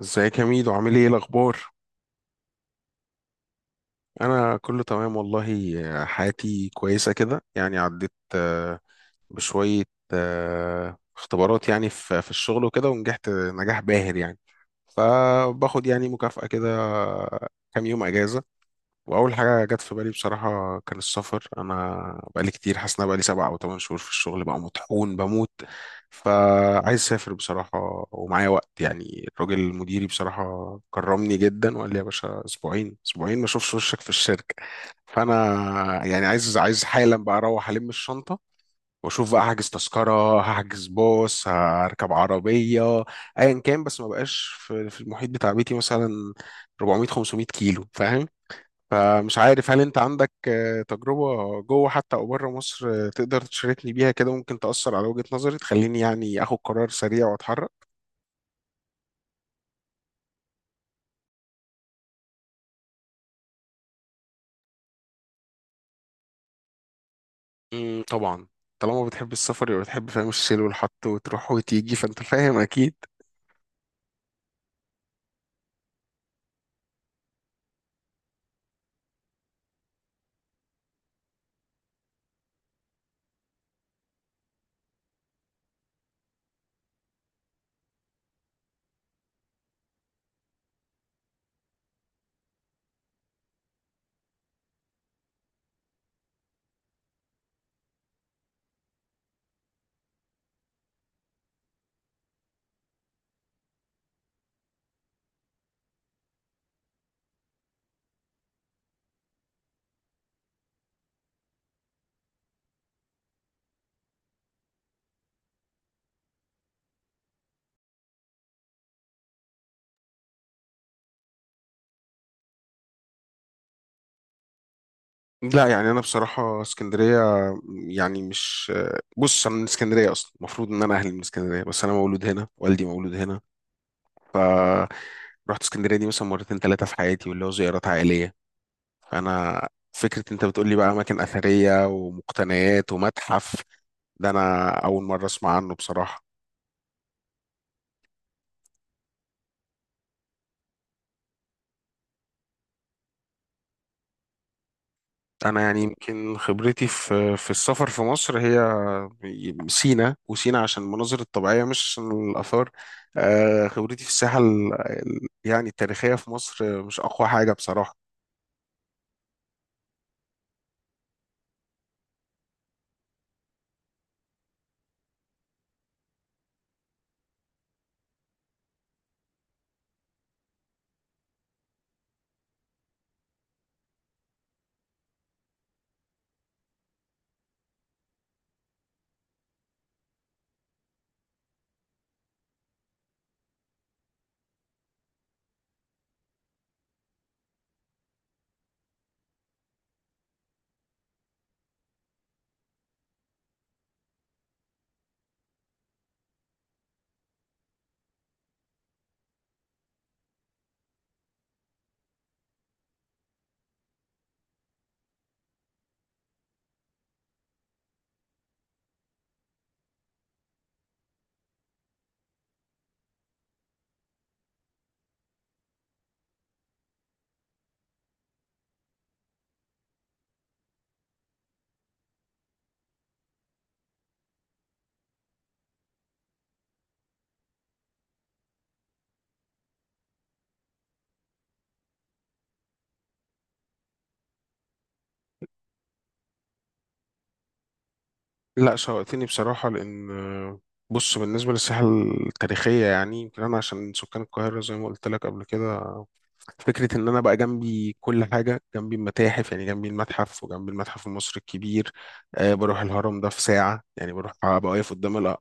ازيك يا ميدو، عامل ايه الاخبار؟ انا كله تمام والله. حياتي كويسه كده، يعني عديت بشويه اختبارات يعني في الشغل وكده، ونجحت نجاح باهر يعني. فباخد يعني مكافأة كده، كام يوم اجازه. واول حاجه جت في بالي بصراحه كان السفر. انا بقالي كتير حاسس ان أنا بقالي 7 أو 8 شهور في الشغل، بقى مطحون بموت. فعايز اسافر بصراحه، ومعايا وقت. يعني الراجل مديري بصراحه كرمني جدا، وقال لي يا باشا اسبوعين اسبوعين ما اشوفش وشك في الشركه. فانا يعني عايز حالا بقى اروح الم الشنطه، واشوف بقى، هحجز تذكره، هحجز باص، هركب عربيه، ايا كان. بس ما بقاش في المحيط بتاع بيتي مثلا 400 500 كيلو، فاهم؟ فمش عارف، هل انت عندك تجربة جوه حتى او بره مصر، تقدر تشاركني بيها كده، ممكن تأثر على وجهة نظري تخليني يعني اخد قرار سريع واتحرك؟ مم، طبعا. طالما بتحب السفر يبقى بتحب، فاهم، الشيل والحط وتروح وتيجي، فانت فاهم اكيد. لا، يعني انا بصراحة اسكندرية يعني مش. بص انا من اسكندرية اصلا، المفروض ان انا اهلي من اسكندرية، بس انا مولود هنا، والدي مولود هنا. فرحت اسكندرية دي مثلا مرتين ثلاثة في حياتي، واللي هو زيارات عائلية. فانا، فكره انت بتقول لي بقى اماكن اثريه ومقتنيات ومتحف، ده انا اول مره اسمع عنه بصراحه. انا يعني يمكن خبرتي في السفر في مصر هي سينا، وسينا عشان المناظر الطبيعيه، مش عشان الاثار. خبرتي في الساحه يعني التاريخيه في مصر مش اقوى حاجه بصراحه. لا، شوقتني بصراحة، لأن بص بالنسبة للساحة التاريخية، يعني يمكن أنا عشان سكان القاهرة، زي ما قلت لك قبل كده، فكرة إن أنا بقى جنبي كل حاجة، جنبي المتاحف يعني، جنبي المتحف، وجنبي المتحف المصري الكبير. آه، بروح الهرم ده في ساعة، يعني بروح أبقى واقف قدام الأ.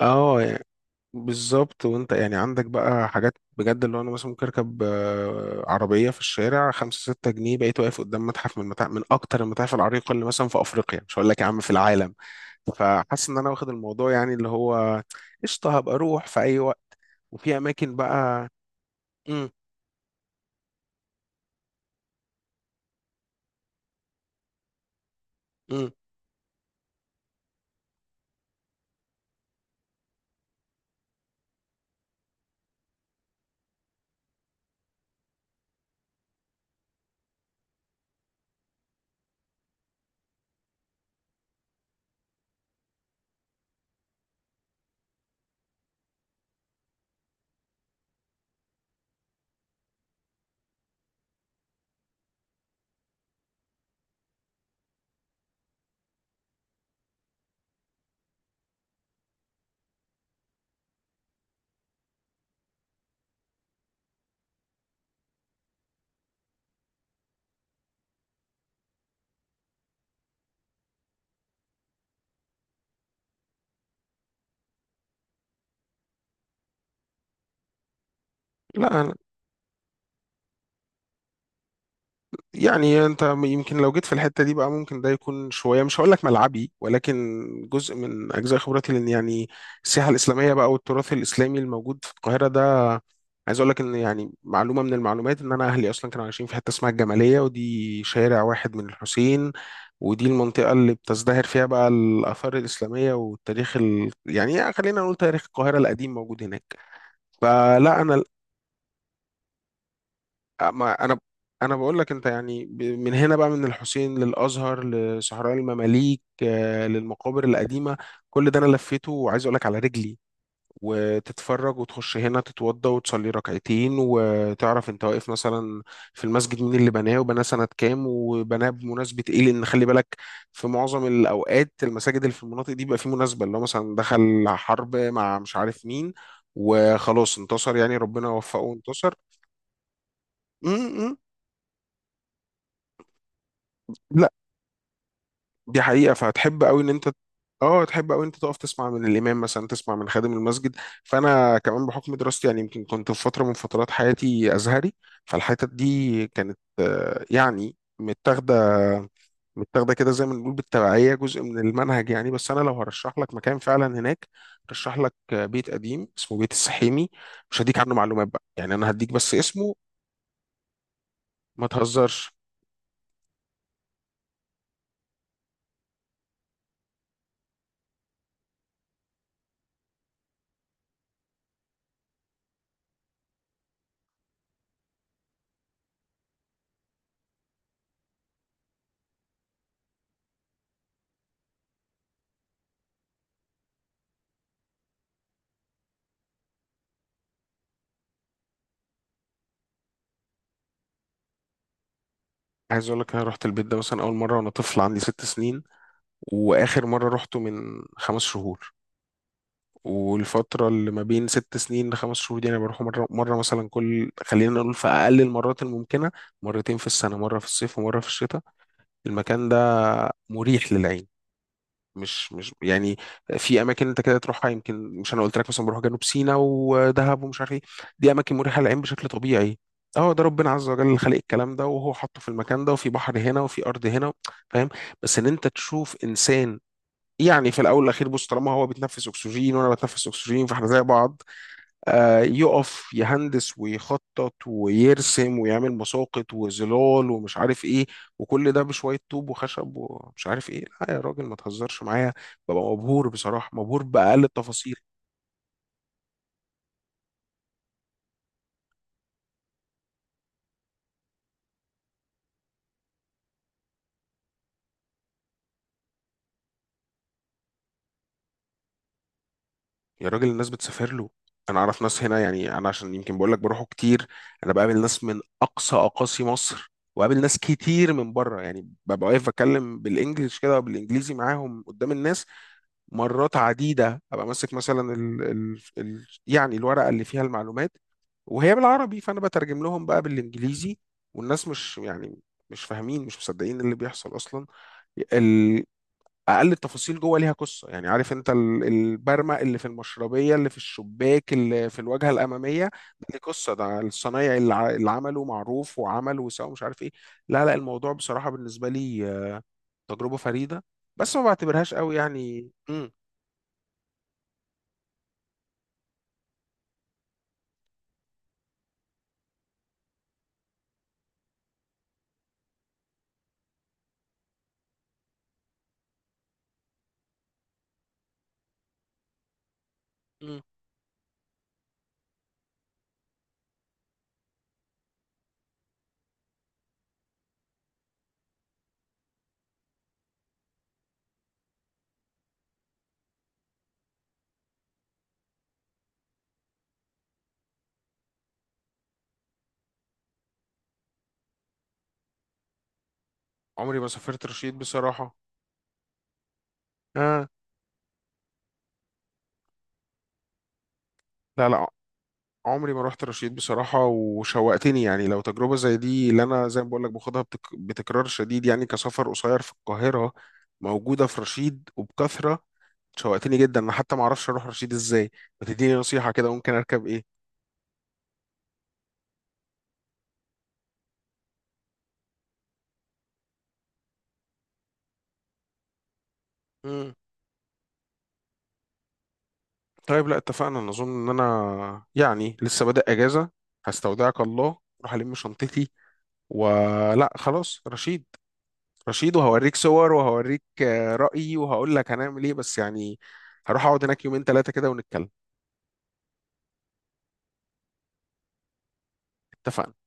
آه يعني بالظبط. وأنت يعني عندك بقى حاجات بجد، اللي هو أنا مثلا ممكن أركب عربية في الشارع 5 6 جنيه، بقيت واقف قدام متحف من متاحف، من أكتر المتاحف العريقة اللي مثلا في أفريقيا، مش هقول لك يا عم في العالم. فحاسس ان انا واخد الموضوع، يعني اللي هو قشطه، هبقى اروح في اي وقت، وفي اماكن بقى. امم. امم. لا، يعني انت يمكن لو جيت في الحته دي بقى، ممكن ده يكون شويه، مش هقول لك ملعبي، ولكن جزء من اجزاء خبرتي، لان يعني السياحه الاسلاميه بقى والتراث الاسلامي الموجود في القاهره ده. عايز اقول لك ان يعني معلومه من المعلومات، ان انا اهلي اصلا كانوا عايشين في حته اسمها الجماليه، ودي شارع واحد من الحسين. ودي المنطقه اللي بتزدهر فيها بقى الاثار الاسلاميه، والتاريخ يعني خلينا نقول تاريخ القاهره القديم موجود هناك. فلا انا ما انا. انا بقول لك انت يعني من هنا بقى، من الحسين للازهر لصحراء المماليك، للمقابر القديمه، كل ده انا لفيته، وعايز اقول لك على رجلي. وتتفرج وتخش هنا تتوضى وتصلي ركعتين، وتعرف انت واقف مثلا في المسجد مين اللي بناه، وبناه سنه كام، وبناه بمناسبه ايه، لان خلي بالك في معظم الاوقات المساجد اللي في المناطق دي بيبقى في مناسبه، اللي هو مثلا دخل حرب مع مش عارف مين، وخلاص انتصر، يعني ربنا وفقه وانتصر. م- م. دي حقيقة، فهتحب قوي ان انت اه تحب قوي، انت تقف تسمع من الامام مثلا، تسمع من خادم المسجد. فانا كمان بحكم دراستي يعني، يمكن كنت في فترة من فترات حياتي ازهري. فالحتت دي كانت يعني متاخدة متاخدة كده، زي ما بنقول بالتبعية جزء من المنهج يعني. بس انا لو هرشح لك مكان فعلا هناك، رشح لك بيت قديم اسمه بيت السحيمي. مش هديك عنه معلومات بقى، يعني انا هديك بس اسمه، ما تهزرش. عايز اقول لك انا رحت البيت ده مثلا اول مره وانا طفل عندي 6 سنين، واخر مره روحته من 5 شهور، والفتره اللي ما بين 6 سنين لخمس شهور دي انا بروح مره مره مثلا كل، خلينا نقول في اقل المرات الممكنه، مرتين في السنه، مره في الصيف ومره في الشتاء. المكان ده مريح للعين، مش يعني. في اماكن انت كده تروحها، يمكن مش، انا قلت لك مثلا بروح جنوب سيناء ودهب ومش عارف ايه، دي اماكن مريحه للعين بشكل طبيعي. اه، ده ربنا عز وجل اللي خلق الكلام ده، وهو حطه في المكان ده، وفي بحر هنا، وفي ارض هنا، فاهم. بس ان انت تشوف انسان، يعني في الاول والاخير بص، طالما هو بيتنفس اكسجين وانا بتنفس اكسجين فاحنا زي بعض. آه، يقف يهندس ويخطط ويرسم، ويعمل مساقط وظلال ومش عارف ايه، وكل ده بشويه طوب وخشب ومش عارف ايه، لا يا راجل ما تهزرش معايا! ببقى مبهور بصراحه، مبهور باقل التفاصيل. يا راجل، الناس بتسافر له. انا اعرف ناس هنا، يعني انا عشان يمكن بقول لك بروحه كتير، انا بقابل ناس من اقصى اقاصي مصر، وقابل ناس كتير من بره، يعني ببقى واقف بتكلم بالانجلش كده، بالانجليزي معاهم قدام الناس. مرات عديدة أبقى ماسك مثلا ال يعني الورقة اللي فيها المعلومات، وهي بالعربي، فأنا بترجم لهم بقى بالإنجليزي. والناس مش يعني، مش فاهمين، مش مصدقين اللي بيحصل أصلا. ال- أقل التفاصيل جوه ليها قصة. يعني عارف أنت البرمة اللي في المشربية اللي في الشباك اللي في الواجهة الأمامية، ده ليه قصة، ده الصنايعي اللي اللي عمله معروف، وعمل وسوى مش عارف إيه. لا لا، الموضوع بصراحة بالنسبة لي تجربة فريدة. بس ما بعتبرهاش قوي يعني. مم. مم. عمري ما سافرت رشيد بصراحة. آه. لا لا، عمري ما رحت رشيد بصراحة، وشوقتني يعني، لو تجربة زي دي اللي أنا زي ما بقول لك باخدها بتكرار شديد، يعني كسفر قصير في القاهرة موجودة في رشيد وبكثرة. شوقتني جدا أنا، حتى ما أعرفش أروح رشيد إزاي. ما تديني نصيحة كده، ممكن أركب إيه؟ مم. طيب، لا اتفقنا، أنا أظن إن أنا يعني لسه بادئ أجازة، هستودعك الله، أروح ألم شنطتي، ولا خلاص رشيد؟ رشيد، وهوريك صور وهوريك رأيي، وهقول لك هنعمل ايه، بس يعني هروح اقعد هناك يومين ثلاثة كده ونتكلم. اتفقنا.